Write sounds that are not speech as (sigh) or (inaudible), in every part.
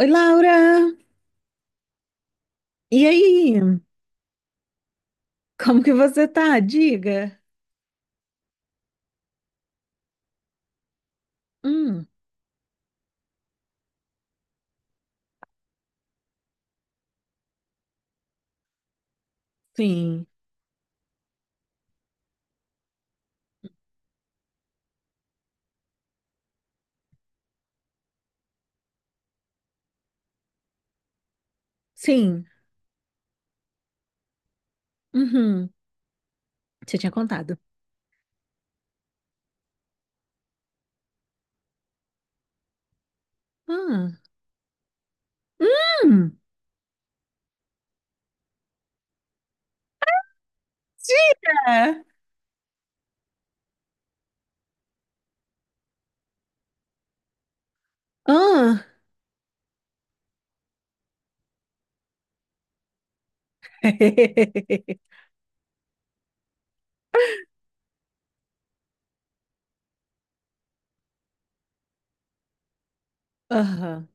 Oi, Laura! E aí? Como que você tá? Diga. Hum, sim, sim. Uhum. Você tinha contado. Ah. Hum, diga! Ah. (laughs) Aham,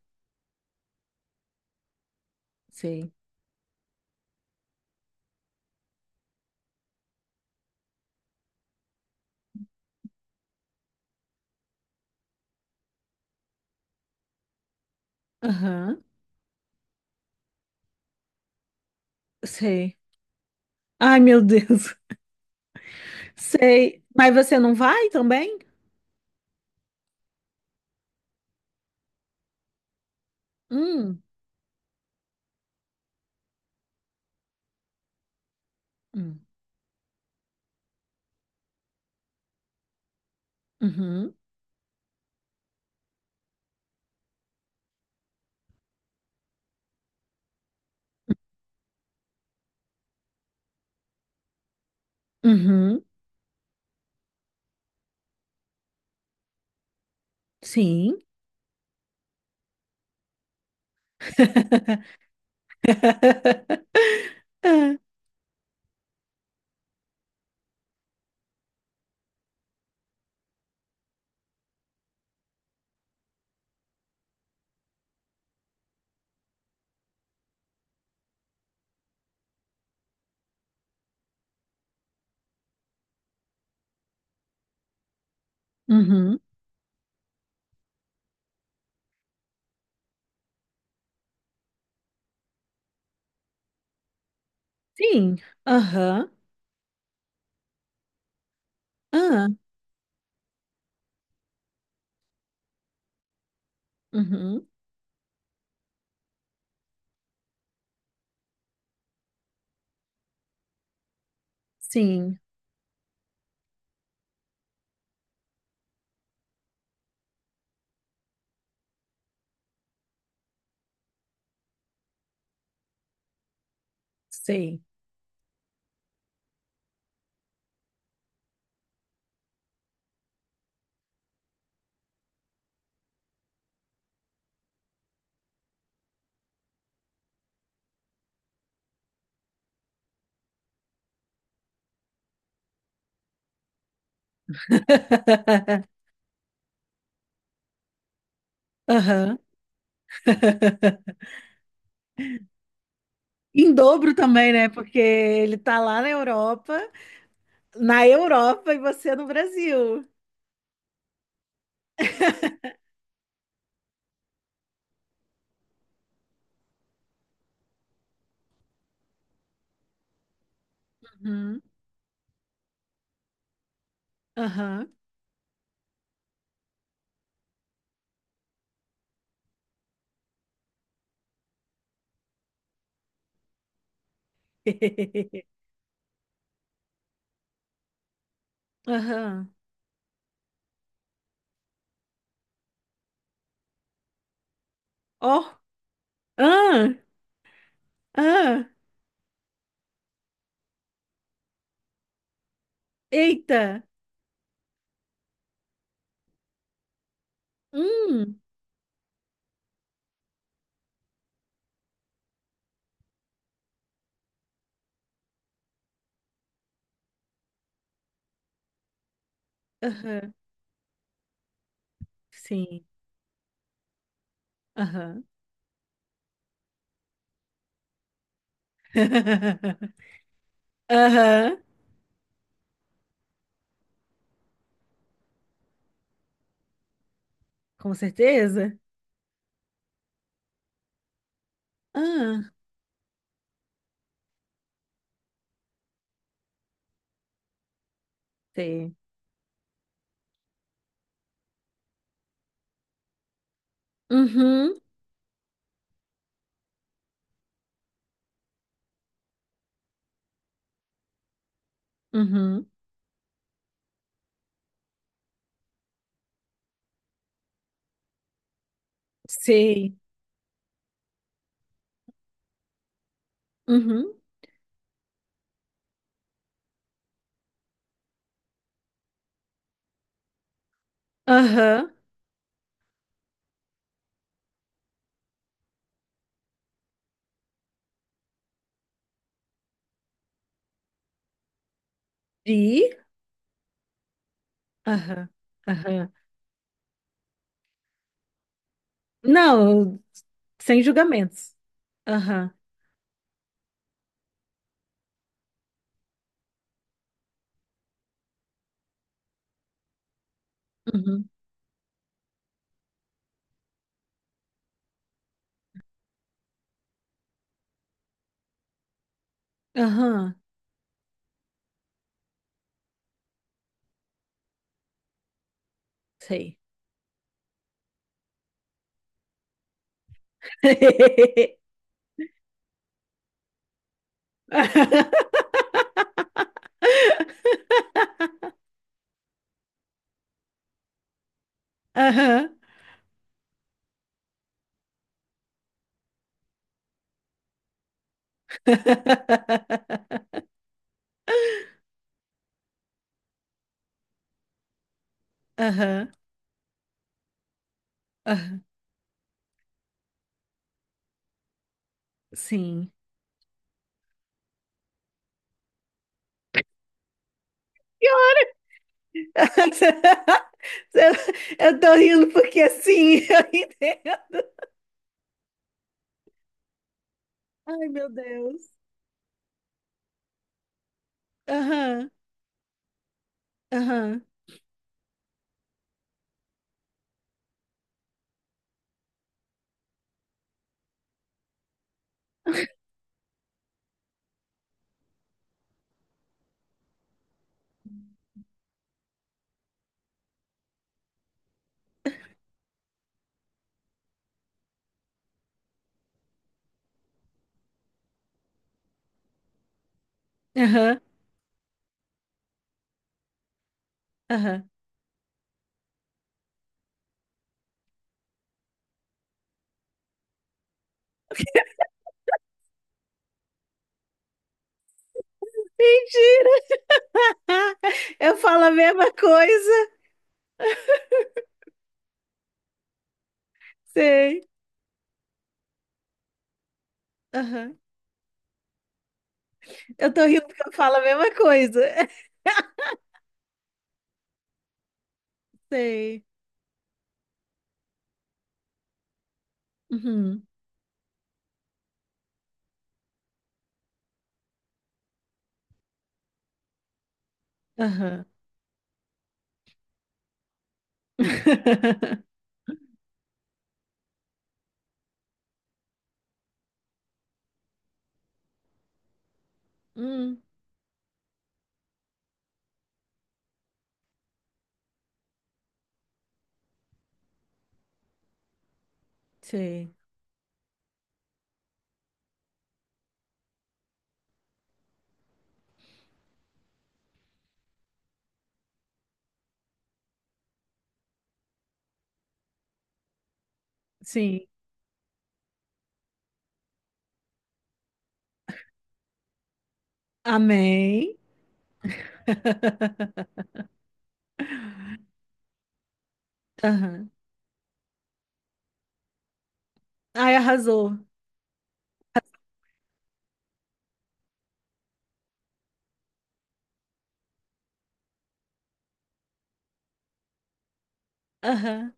sei. Aham, sei. Ai, meu Deus. Sei. Mas você não vai também? Hum, hum, uhum, uhum, sim. (laughs) Ah, uhum, sim. Aham. Ah, uhum. Sim, sei. (laughs) Aham. Em dobro também, né? Porque ele tá lá na Europa e você no Brasil. Uhum. Aham. (laughs) Aham. Ó. Ah, ah. Eita. Hum. Aham. Sim. Aham. (laughs) Aham. Com certeza. Ah, sei. Uhum. Uhum. Sei. Uhum. Aham. E? Aham, aham. Não, sem julgamentos. Aham, uhum, aham, sei. (laughs) Aham, aham, aham, sim. (laughs) Eu tô rindo porque assim, (laughs) eu entendo. Ai, meu Deus. Aham, aham, aham, aham. Mentira! (laughs) Eu falo a mesma coisa. Sei. Aham. Eu tô rindo porque eu falo a mesma coisa. (laughs) Sei. Uhum. Aham. (laughs) Hum, sei. Sim. Amém. (laughs) Aham. Ai, arrasou. Aham.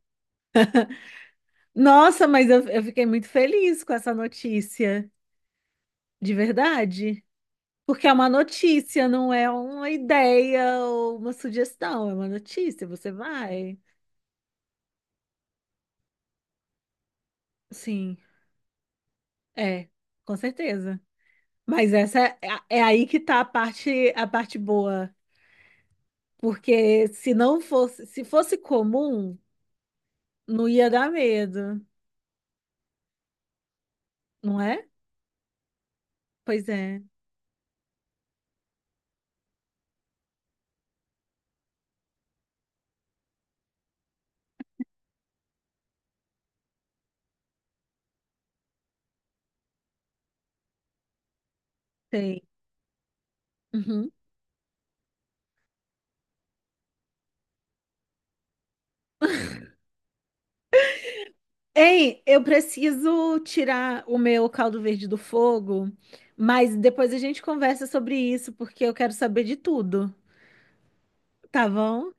Nossa, mas eu fiquei muito feliz com essa notícia. De verdade. Porque é uma notícia, não é uma ideia ou uma sugestão, é uma notícia, você vai. Sim, é, com certeza. Mas é aí que tá a parte boa. Porque se fosse comum, não ia dar medo, não é? Pois é, tem. Uhum. Ei, eu preciso tirar o meu caldo verde do fogo, mas depois a gente conversa sobre isso, porque eu quero saber de tudo, tá bom?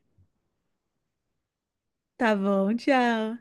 Tá bom, tchau.